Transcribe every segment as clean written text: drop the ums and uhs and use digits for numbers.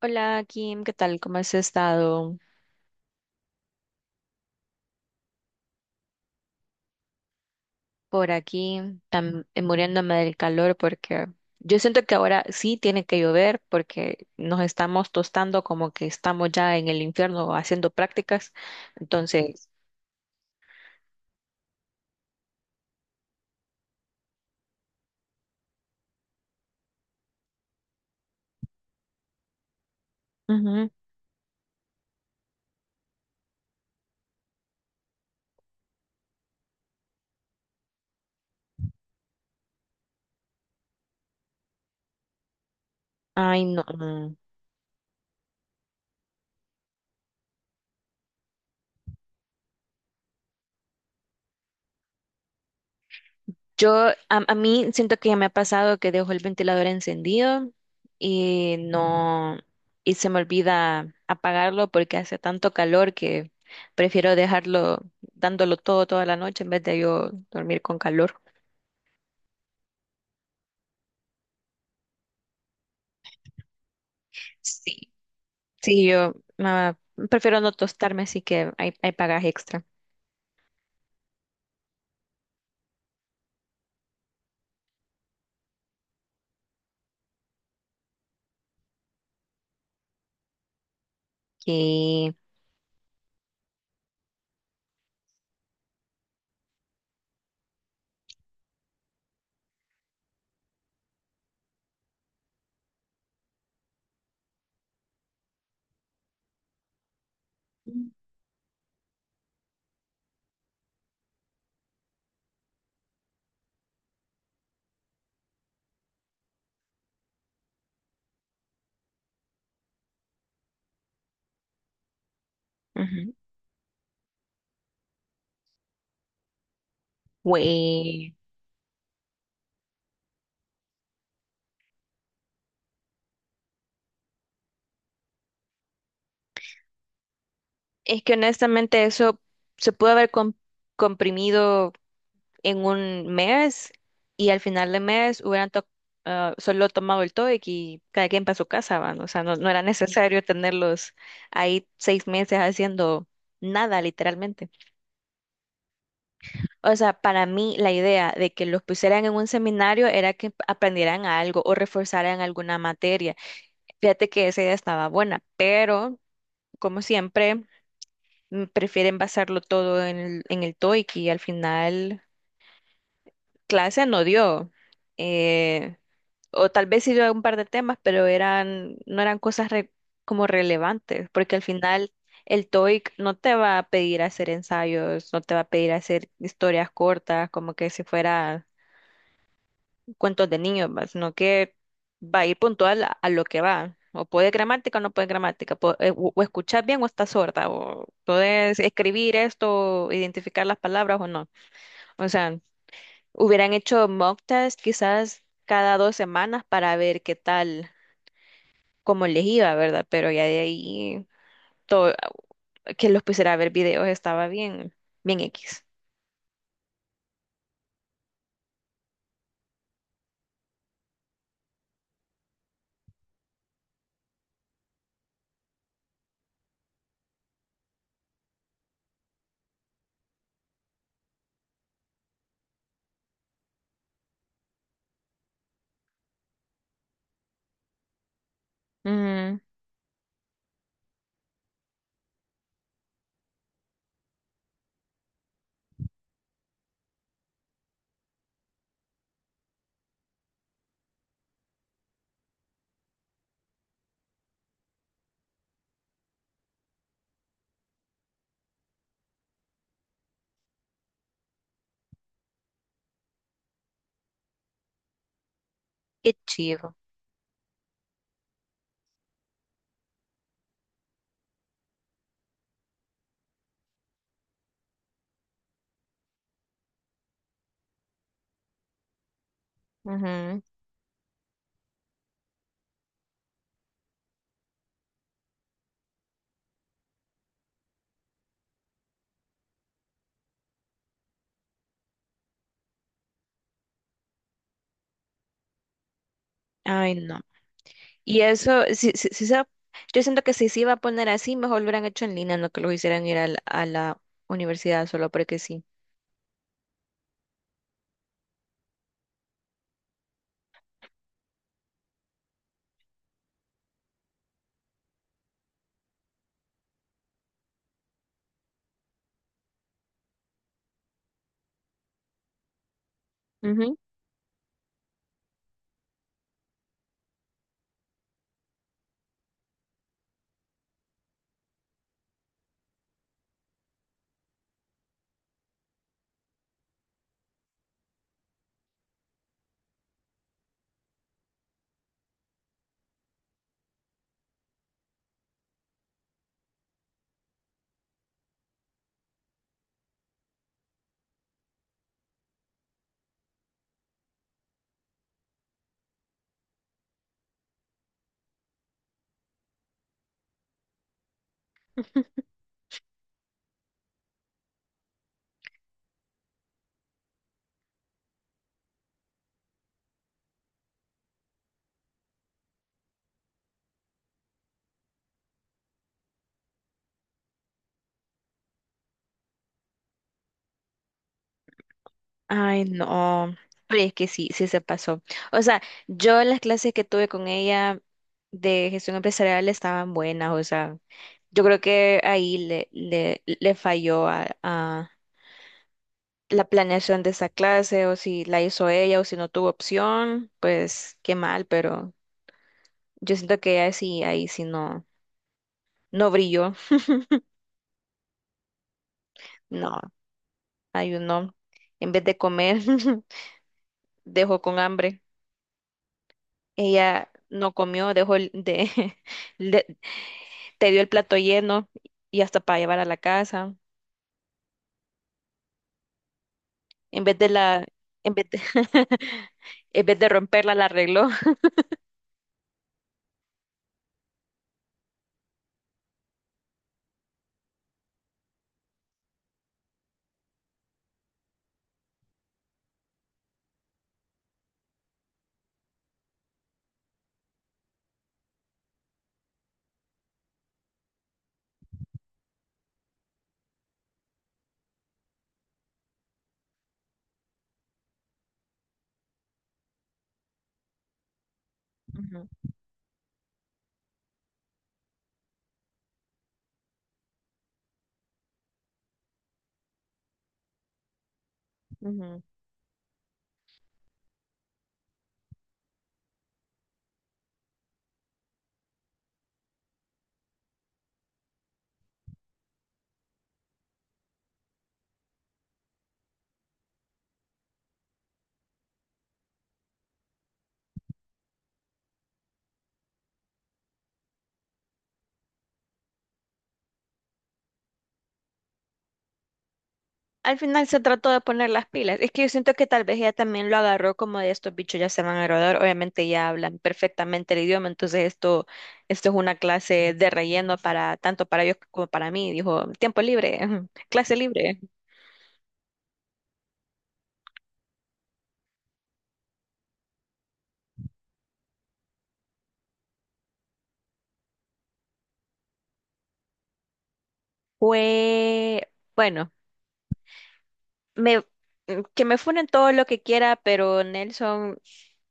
Hola Kim, ¿qué tal? ¿Cómo has estado por aquí? Muriéndome del calor porque yo siento que ahora sí tiene que llover porque nos estamos tostando como que estamos ya en el infierno haciendo prácticas. Entonces, ujú, ay, no. Yo, a mí siento que ya me ha pasado que dejo el ventilador encendido y no, y se me olvida apagarlo porque hace tanto calor que prefiero dejarlo dándolo todo toda la noche en vez de yo dormir con calor. Sí, sí, yo prefiero no tostarme, así que hay pagas extra. Y, ujú. Güey, es que honestamente eso se pudo haber comprimido en un mes y al final del mes hubieran solo tomado el TOEIC y cada quien para su casa, van. O sea, no, no era necesario tenerlos ahí 6 meses haciendo nada, literalmente. O sea, para mí la idea de que los pusieran en un seminario era que aprendieran algo o reforzaran alguna materia. Fíjate que esa idea estaba buena, pero como siempre, prefieren basarlo todo en el TOEIC y al final clase no dio. eh, o tal vez sí yo un par de temas, pero eran, no eran cosas como relevantes, porque al final el TOEIC no te va a pedir hacer ensayos, no te va a pedir hacer historias cortas, como que si fuera cuentos de niños, va, sino que va a ir puntual a lo que va. O puede gramática o no puede gramática, o escuchas bien o estás sorda, o puedes escribir esto, identificar las palabras o no. O sea, hubieran hecho mock test quizás cada 2 semanas para ver qué tal cómo les iba, ¿verdad? Pero ya de ahí todo, que los pusiera a ver videos estaba bien, bien X. Ujú, qué chido. Ujú. Ay, no. Y eso, si, si, si se- yo siento que si se iba a poner así, mejor lo hubieran hecho en línea, no que lo hicieran ir a la, universidad solo porque sí. Ay, no. Pero es que sí, sí se pasó. O sea, yo las clases que tuve con ella de gestión empresarial estaban buenas. O sea, yo creo que ahí le falló a la planeación de esa clase, o si la hizo ella, o si no tuvo opción, pues qué mal, pero yo siento que ella sí, ahí sí no brilló. No, ayunó. En vez de comer, dejó con hambre. Ella no comió, dejó le- te dio el plato lleno y hasta para llevar a la casa. En vez de la, en vez de, en vez de romperla, la arregló. Ujú, ujú. Al final se trató de poner las pilas. Es que yo siento que tal vez ella también lo agarró como de estos bichos ya se van a graduar. Obviamente ya hablan perfectamente el idioma, entonces esto es una clase de relleno para tanto para ellos como para mí. Dijo, tiempo libre, clase libre. Fue, bueno. me, que me funen todo lo que quiera, pero Nelson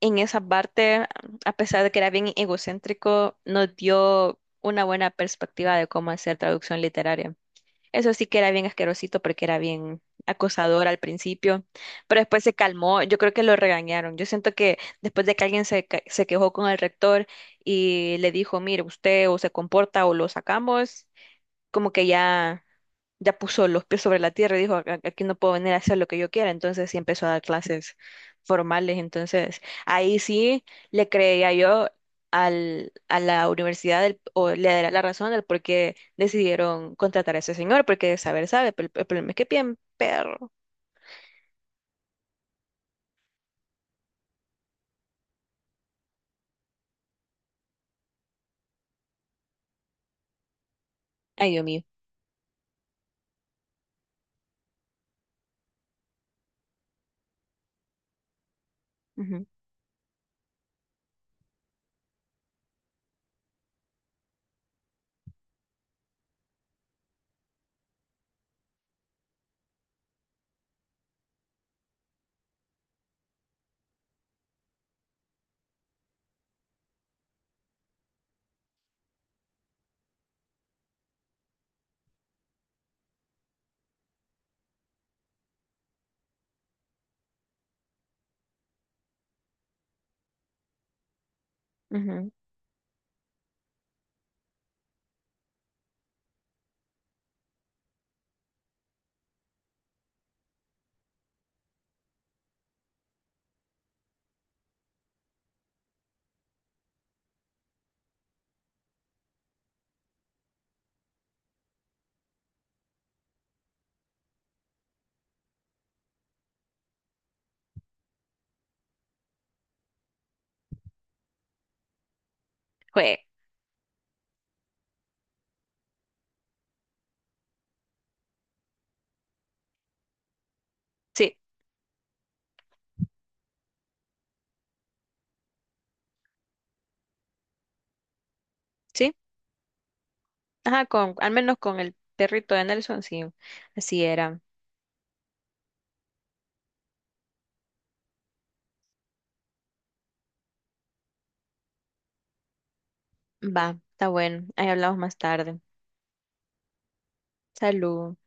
en esa parte, a pesar de que era bien egocéntrico, nos dio una buena perspectiva de cómo hacer traducción literaria. Eso sí que era bien asquerosito porque era bien acosador al principio, pero después se calmó. Yo creo que lo regañaron. Yo siento que después de que alguien se quejó con el rector y le dijo, mire, usted o se comporta o lo sacamos, como que ya puso los pies sobre la tierra y dijo, "Aquí no puedo venir a hacer lo que yo quiera, entonces sí empezó a dar clases formales, entonces ahí sí le creía yo a la universidad o le daría la razón del por qué decidieron contratar a ese señor, porque de saber sabe, pero el problema es que bien perro. Ay, Dios mío. Ujú, ujú. Fue, sí, sí, ajá, al menos con el perrito de Nelson, sí, así era. Va, está bueno, ahí hablamos más tarde. Salud.